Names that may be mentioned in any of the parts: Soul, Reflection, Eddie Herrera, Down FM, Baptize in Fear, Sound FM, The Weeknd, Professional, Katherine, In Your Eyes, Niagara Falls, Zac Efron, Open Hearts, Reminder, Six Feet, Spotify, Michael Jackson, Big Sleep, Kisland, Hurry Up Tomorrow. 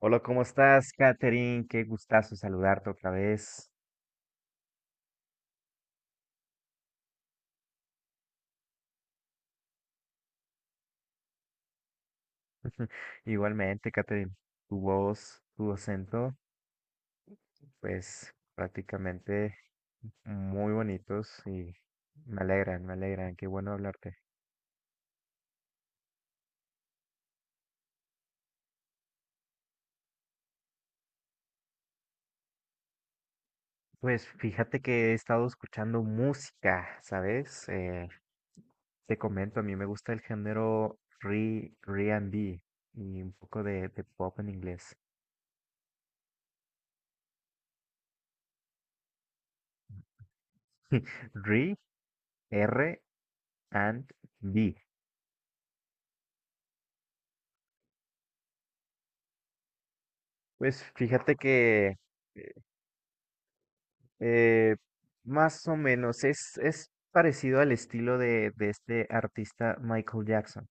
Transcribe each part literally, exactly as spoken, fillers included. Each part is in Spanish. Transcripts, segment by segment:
Hola, ¿cómo estás, Katherine? Qué gustazo saludarte otra vez. Igualmente, Katherine, tu voz, tu acento, pues prácticamente muy bonitos y me alegran, me alegran, qué bueno hablarte. Pues fíjate que he estado escuchando música, ¿sabes? Eh, te comento, a mí me gusta el género R, and B y un poco de, de pop en inglés. R, R and B. Pues fíjate que eh, Eh, más o menos, es, es parecido al estilo de, de este artista Michael Jackson.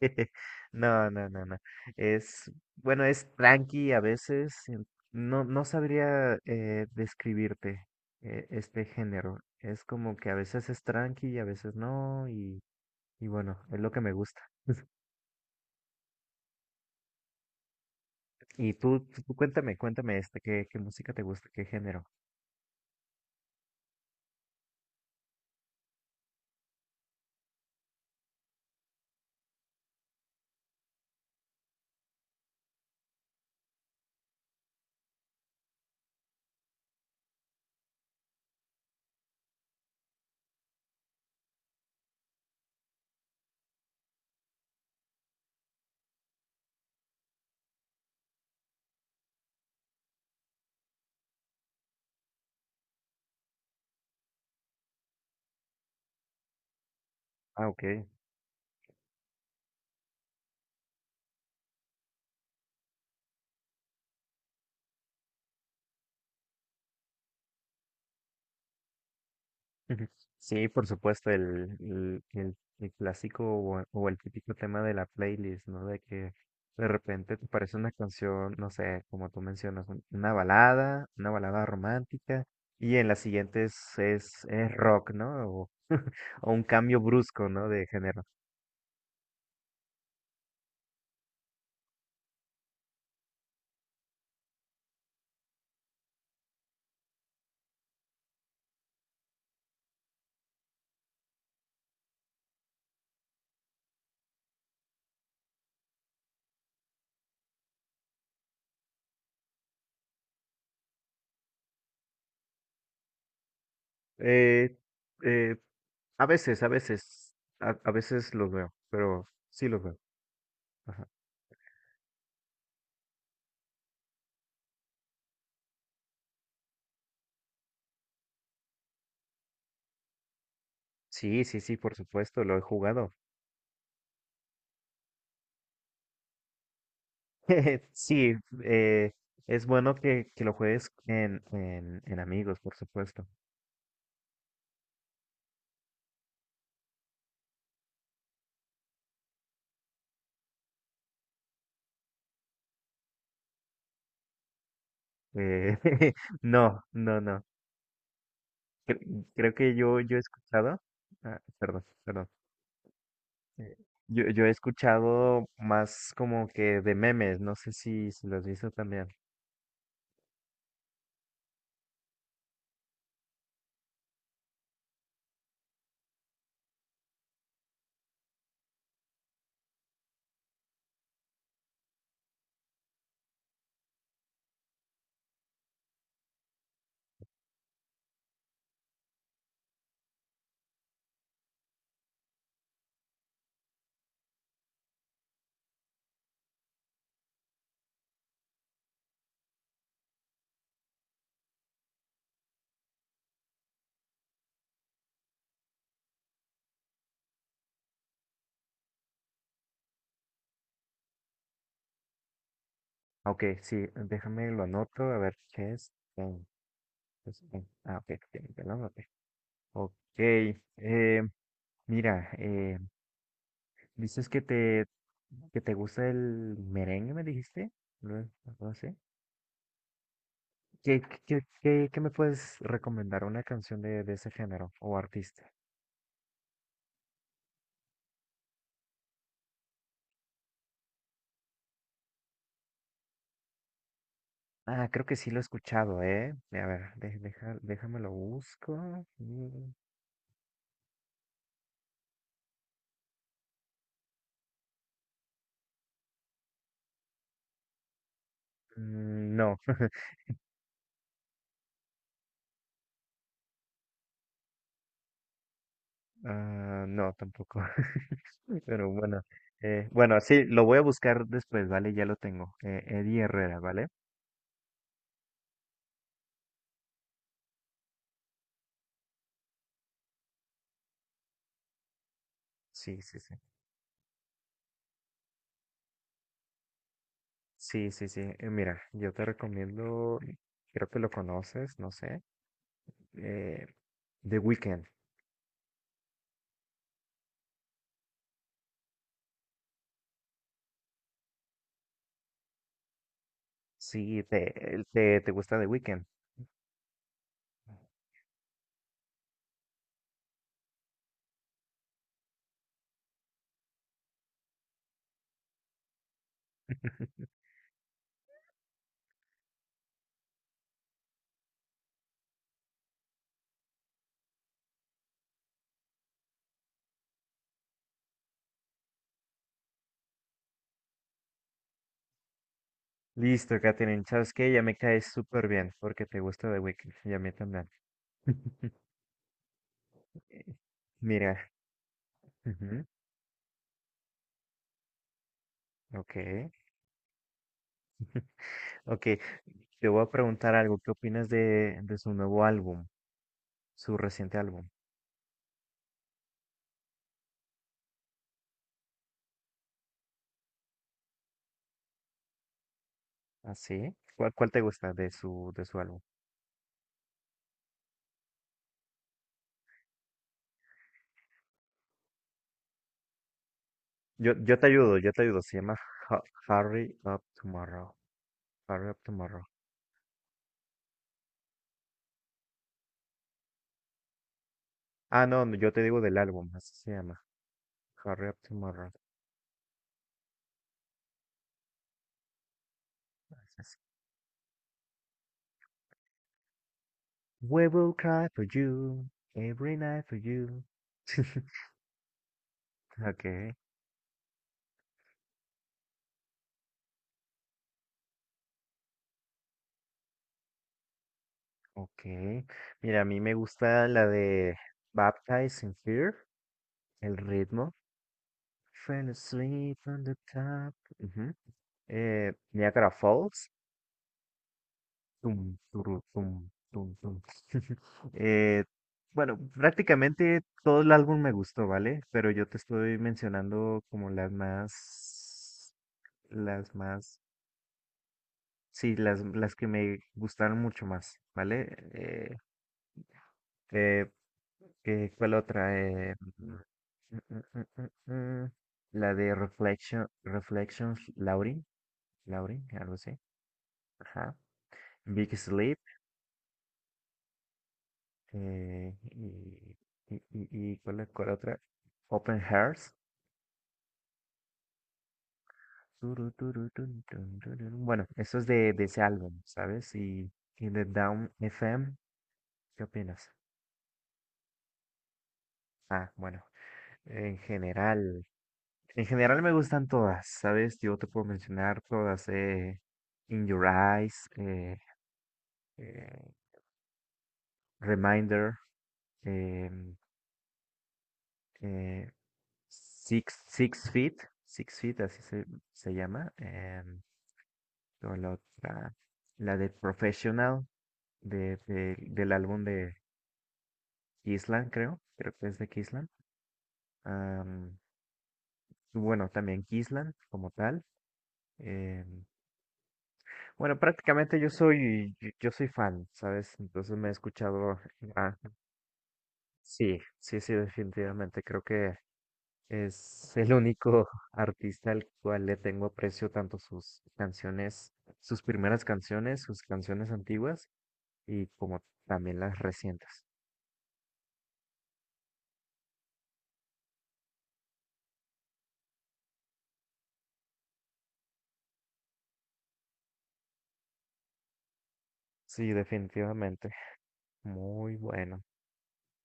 No, no, no, no. Es, bueno, es tranqui a veces. eh, No, no sabría eh, describirte, eh, este género. Es como que a veces es tranqui y a veces no. Y, y bueno, es lo que me gusta. Y tú, tú cuéntame, cuéntame este, ¿qué, qué música te gusta? ¿Qué género? Ah, ok. Ujú. Sí, por supuesto, el, el, el- el clásico o, o el típico tema de la playlist, ¿no? De que de repente te parece una canción, no sé, como tú mencionas, un- una balada, una balada romántica, y en la siguiente es, es, es rock, ¿no? O, o un cambio brusco, ¿no? De género. Eh, eh, a veces, a veces, a, a veces los veo, pero sí los veo. Ajá. Sí, sí, sí, por supuesto, lo he jugado. Sí, eh, es bueno que, que lo juegues en, en, en amigos, por supuesto. Eh, no, no, no. Cre- Creo que yo, yo he escuchado, ah, perdón, perdón. eh, yo, yo he escuchado más como que de memes, no sé si, si lo has visto también. Ah, ok, sí, déjame lo anoto, a ver qué es. Ten- es- ten- Ah, ok, ten- ya lo anoté. Ok, eh, mira, eh, dices que te, que te gusta el merengue, me dijiste. No, no sé. ¿Qué, qué, qué, qué me puedes recomendar? ¿Una canción de, de ese género o artista? Ah, creo que sí lo he escuchado, ¿eh? A ver, de- deja, déjame lo busco. Mm, mm, no. Ah, no, tampoco. Pero bueno, eh, bueno, sí, lo voy a buscar después, ¿vale? Ya lo tengo. Eh, Eddie Herrera, ¿vale? Sí, sí, sí. Sí, sí, sí. Eh, mira, yo te recomiendo, creo que lo conoces, no sé, eh, The Weeknd. Sí, te, el- te, te gusta The Weeknd. Listo, Katherine, ¿sabes qué? Ya me caes súper bien porque te gusta The Weeknd y a mí también. Eh, mira, ujú, ok, ok. Te voy a preguntar algo. ¿Qué opinas de, de su nuevo álbum, su reciente álbum? ¿Así? ¿Cuál, cuál te gusta de su, de su álbum? Yo, yo te ayudo, yo te ayudo. Se llama Ha- Hurry Up Tomorrow. Hurry Up Tomorrow. Ah, no, no, yo te digo del álbum, así se llama. Hurry Up Tomorrow. Así es. We will cry for you, every night for you. Okay, okay. Mira, a mí me gusta la de Baptize in Fear, el ritmo. Fell asleep on the top. Ujú. Eh, Niagara Falls. Tum, turu, tum, tum, tum. Eh, bueno, prácticamente todo el álbum me gustó, ¿vale? Pero yo te estoy mencionando como las más, las más, sí, las, las que me gustaron mucho más, ¿vale? Eh, eh, eh, ¿cuál otra? Eh, mm, mm, mm, mm, mm, la de Reflection, Reflections, Laurie, Laurie, algo así. Ajá. Big Sleep. eh, y, y, y- y cuál, es- ¿cuál otra? Open Hearts. Turu, turu, tun, tun, tururú. Bueno, eso es de, de ese álbum, ¿sabes? Y, y de Down F M, ¿qué opinas? Ah, bueno, en general, en general me gustan todas, ¿sabes? Yo te puedo mencionar todas, eh, In Your Eyes, eh, eh, Reminder, eh, eh, Six, Six Feet, Six Feet, así se, se llama. Eh, o la otra, la de Professional de, de- del álbum de Kisland, creo, creo que es de Kisland. Am, y bueno, también Kisland como tal. em, bueno, prácticamente yo soy, yo, yo soy fan, ¿sabes? Entonces me he escuchado, ah, sí, sí, sí, definitivamente. Creo que es el único artista al cual le tengo aprecio tanto sus canciones, sus primeras canciones, sus canciones antiguas y como también las recientes. Sí, definitivamente. Muy bueno.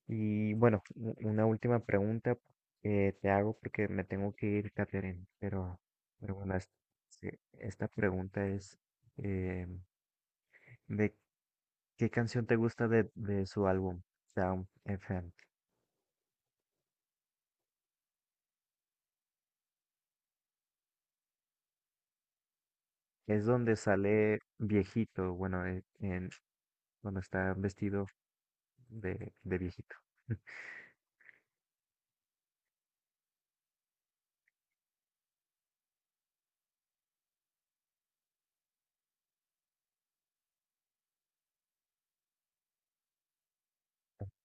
Y bueno, u- una última pregunta que te hago porque me tengo que ir, Catherine, pero, pero bueno, es- sí, esta pregunta es eh, ¿de qué canción te gusta de, de su álbum, Sound F M? Es donde sale viejito, bueno, eh, en, cuando está vestido de, de viejito.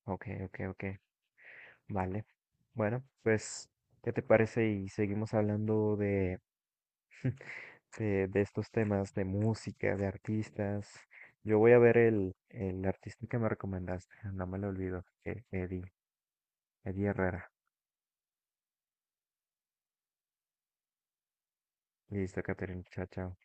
Ok, ok, ok. Vale. Bueno, pues, ¿qué te parece? Y seguimos hablando de, de, de estos temas de música, de artistas. Yo voy a ver el, el artista que me recomendaste. No me lo olvido. Eh, Eddie, Eddie Herrera. Listo, Catherine. Chao, chao.